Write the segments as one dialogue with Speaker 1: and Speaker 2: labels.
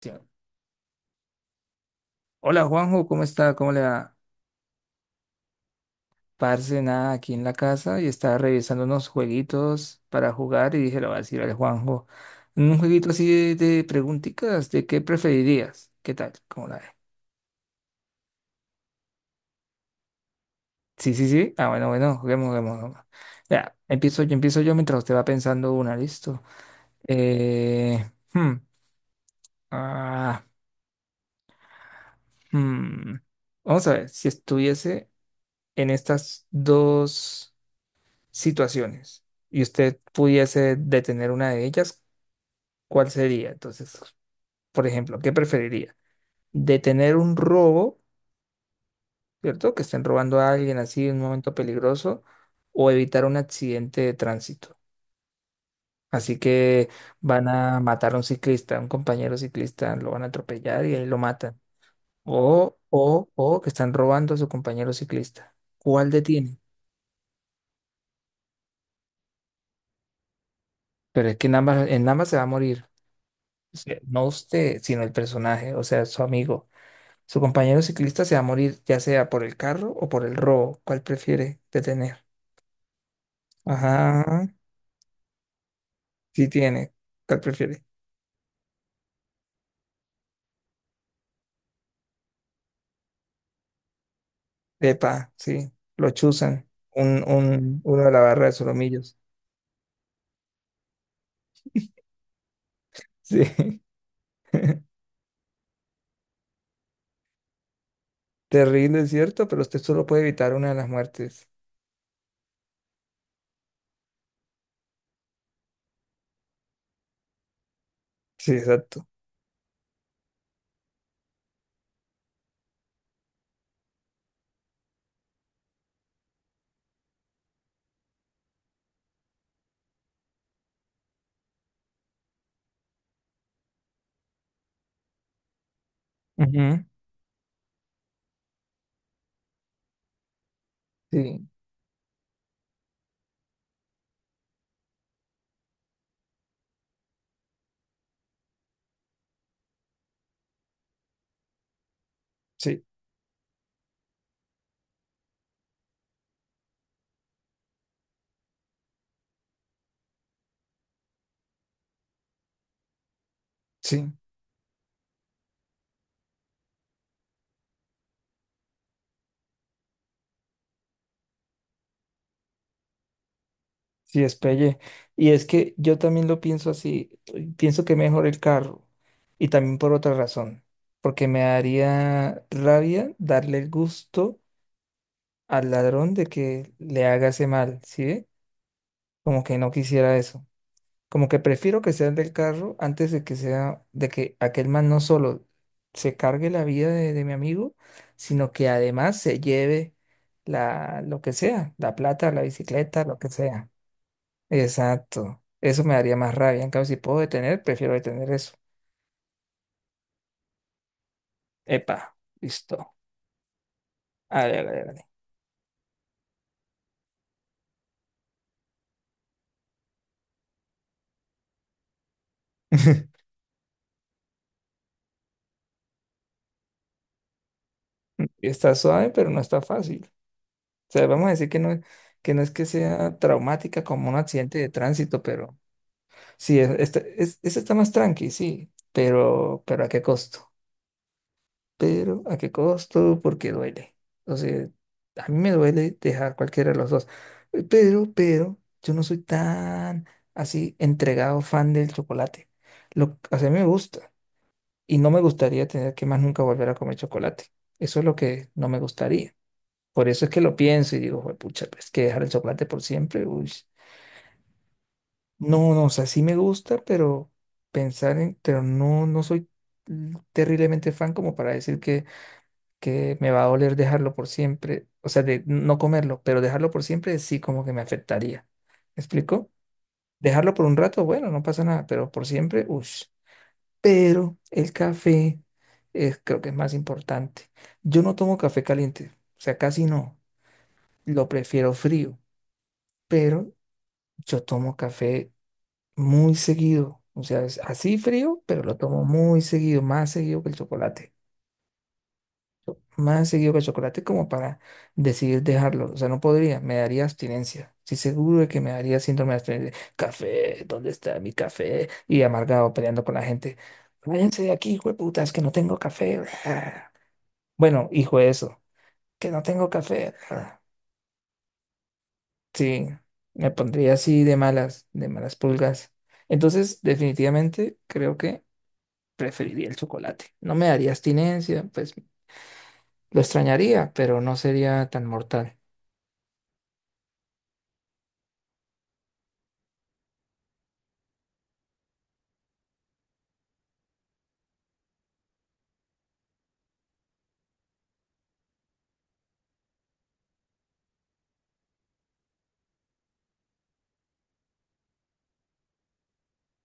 Speaker 1: Sí. Hola Juanjo, ¿cómo está? ¿Cómo le va? Parce, nada, aquí en la casa y estaba revisando unos jueguitos para jugar y dije, lo voy a decir al Juanjo. Un jueguito así de preguntitas, ¿de qué preferirías? ¿Qué tal? ¿Cómo la ve? Sí, sí, sí. Ah, bueno, bueno, juguemos, juguemos, juguemos. Ya, empiezo yo mientras usted va pensando una, listo. Eh, hmm, ah, hmm. Vamos a ver, si estuviese en estas dos situaciones y usted pudiese detener una de ellas, ¿cuál sería? Entonces, por ejemplo, ¿qué preferiría? ¿Detener un robo, ¿cierto? Que estén robando a alguien así en un momento peligroso o evitar un accidente de tránsito? Así que van a matar a un ciclista, a un compañero ciclista, lo van a atropellar y ahí lo matan. O que están robando a su compañero ciclista. ¿Cuál detiene? Pero es que en ambas se va a morir. O sea, no usted, sino el personaje, o sea, su amigo. Su compañero ciclista se va a morir ya sea por el carro o por el robo. ¿Cuál prefiere detener? Ajá, sí tiene. ¿Cuál prefiere? Epa, sí. Lo chuzan. Uno de la barra de solomillos. Sí. Terrible, ¿es cierto? Pero usted solo puede evitar una de las muertes. Sí, exacto. Ujú. Sí, sí, sí. Sí, es pelle. Y es que yo también lo pienso así. Pienso que mejor el carro. Y también por otra razón. Porque me daría rabia darle el gusto al ladrón de que le haga ese mal, ¿sí ve? Como que no quisiera eso. Como que prefiero que sea el del carro antes de que sea, de que aquel man no solo se cargue la vida de mi amigo, sino que además se lleve la, lo que sea, la plata, la bicicleta, lo que sea. Exacto. Eso me daría más rabia. En cambio, si puedo detener, prefiero detener eso. Epa, listo. Hágale, hágale, hágale. Está suave, pero no está fácil. O sea, vamos a decir que no es que sea traumática como un accidente de tránsito, pero sí, ese está más tranqui, sí, pero ¿a qué costo? Pero ¿a qué costo? Porque duele. O sea, a mí me duele dejar cualquiera de los dos. Pero, yo no soy tan así entregado fan del chocolate. Lo, o sea, a mí me gusta y no me gustaría tener que más nunca volver a comer chocolate. Eso es lo que no me gustaría. Por eso es que lo pienso y digo, pucha, es que dejar el chocolate por siempre, uy. No, no, o sea, sí me gusta, pero pensar en, pero no, no soy terriblemente fan como para decir que me va a doler dejarlo por siempre, o sea, de no comerlo, pero dejarlo por siempre sí como que me afectaría. ¿Me explico? Dejarlo por un rato, bueno, no pasa nada, pero por siempre, uff. Pero el café es, creo que es más importante. Yo no tomo café caliente, o sea, casi no. Lo prefiero frío, pero yo tomo café muy seguido. O sea, es así frío, pero lo tomo muy seguido, más seguido que el chocolate. Más seguido que el chocolate como para decidir dejarlo. O sea, no podría, me daría abstinencia. Sí, seguro de que me daría síndrome de abstinencia. Café, ¿dónde está mi café? Y amargado peleando con la gente. Váyanse de aquí, hueputas, que no tengo café. Bueno, hijo de eso, que no tengo café. Sí, me pondría así de malas pulgas. Entonces, definitivamente creo que preferiría el chocolate. No me daría abstinencia, pues lo extrañaría, pero no sería tan mortal.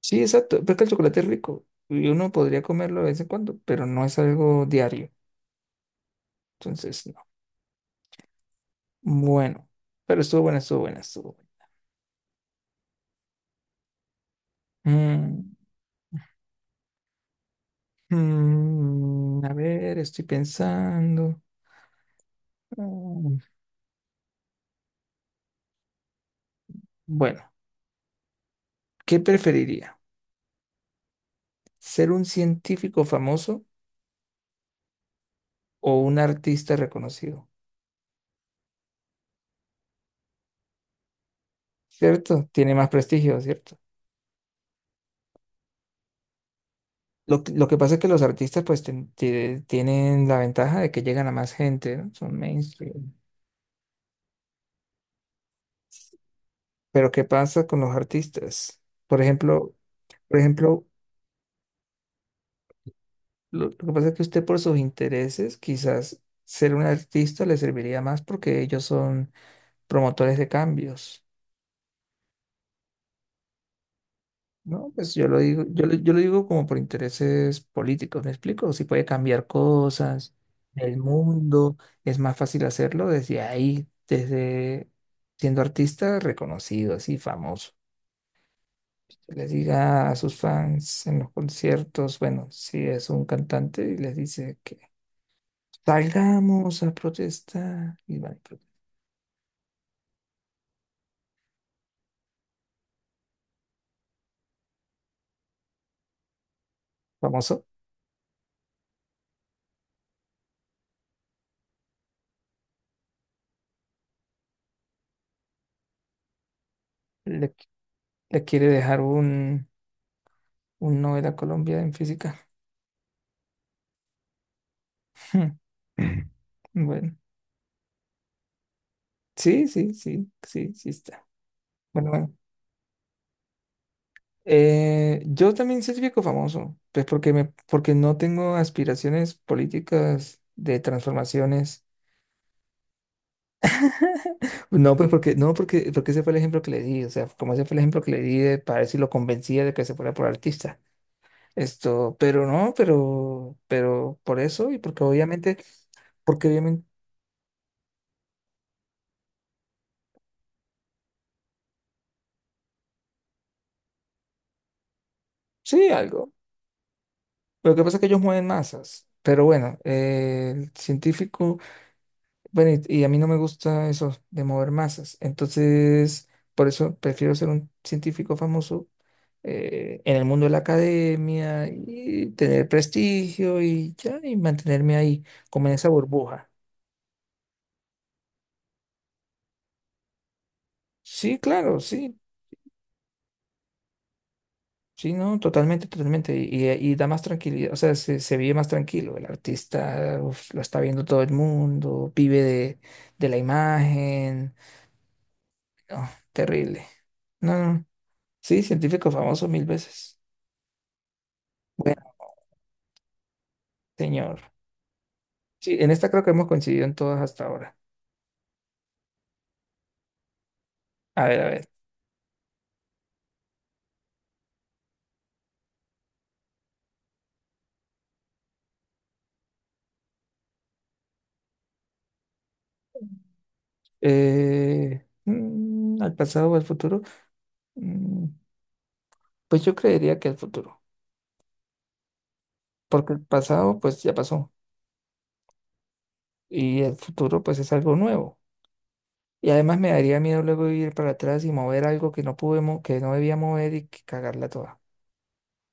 Speaker 1: Sí, exacto, porque el chocolate es rico y uno podría comerlo de vez en cuando, pero no es algo diario. Entonces, no. Bueno, pero estuvo buena. Mm, a ver, estoy pensando. Mm, Bueno, ¿qué preferiría? ¿Ser un científico famoso o un artista reconocido? ¿Cierto? Tiene más prestigio, ¿cierto? Lo, lo que pasa es que los artistas pues tienen la ventaja de que llegan a más gente, ¿no? Son mainstream. Pero ¿qué pasa con los artistas? Por ejemplo, por ejemplo, lo que pasa es que usted por sus intereses, quizás ser un artista le serviría más porque ellos son promotores de cambios, ¿no? Pues yo lo digo, yo lo digo como por intereses políticos, ¿me explico? Si puede cambiar cosas, el mundo, es más fácil hacerlo desde ahí, desde siendo artista reconocido, así famoso. Que les diga a sus fans en los conciertos, bueno, si es un cantante y les dice que salgamos a protestar y van y protestan. Famoso, le, le quiere dejar un Nobel a Colombia en física. Bueno, sí, sí, sí, sí, sí está. Bueno, bueno. Yo también certifico famoso, pues porque me, porque no tengo aspiraciones políticas de transformaciones. No, pues porque, no, porque, porque ese fue el ejemplo que le di, o sea, como ese fue el ejemplo que le di de, para ver si lo convencía de que se fuera por artista. Esto, pero no, pero por eso y porque obviamente, sí, algo. Lo que pasa es que ellos mueven masas, pero bueno, el científico. Bueno, y a mí no me gusta eso de mover masas. Entonces, por eso prefiero ser un científico famoso, en el mundo de la academia y tener prestigio y ya, y mantenerme ahí, como en esa burbuja. Sí, claro, sí, sí, no, totalmente, totalmente. Y, y da más tranquilidad, o sea, se vive más tranquilo. El artista uf, lo está viendo todo el mundo, vive de la imagen. No, terrible. No, no, sí, científico famoso mil veces. Señor. Sí, en esta creo que hemos coincidido en todas hasta ahora. A ver, a ver. ¿Al pasado o al futuro? Mm, pues yo creería que al futuro, porque el pasado pues ya pasó y el futuro pues es algo nuevo. Y además me daría miedo luego ir para atrás y mover algo que no pude, que no debía mover y que cagarla toda,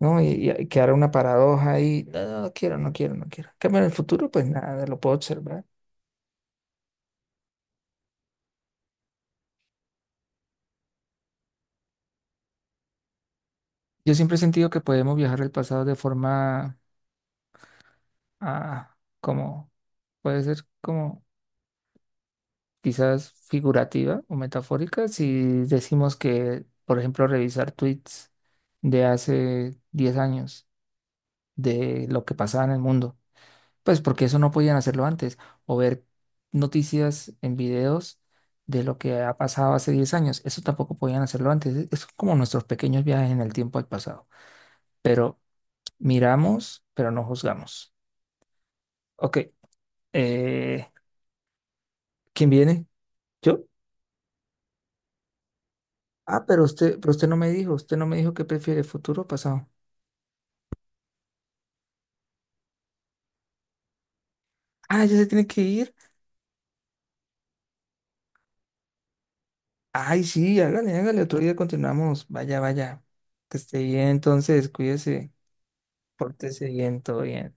Speaker 1: ¿no? Y, y quedar una paradoja ahí, no, no, no quiero, no quiero, no quiero. En cambio, en el futuro pues nada, lo puedo observar. Yo siempre he sentido que podemos viajar al pasado de forma ah, como puede ser como quizás figurativa o metafórica si decimos que, por ejemplo, revisar tweets de hace 10 años de lo que pasaba en el mundo, pues porque eso no podían hacerlo antes, o ver noticias en videos de lo que ha pasado hace 10 años, eso tampoco podían hacerlo antes, es como nuestros pequeños viajes en el tiempo al pasado, pero miramos, pero no juzgamos. Ok, eh, ¿quién viene? ¿Yo? Ah, pero usted no me dijo, usted no me dijo qué prefiere, futuro o pasado. Ah, ya se tiene que ir. Ay, sí, hágale, hágale, otro día continuamos. Vaya, vaya. Que esté bien, entonces, cuídese, pórtese bien, todo bien.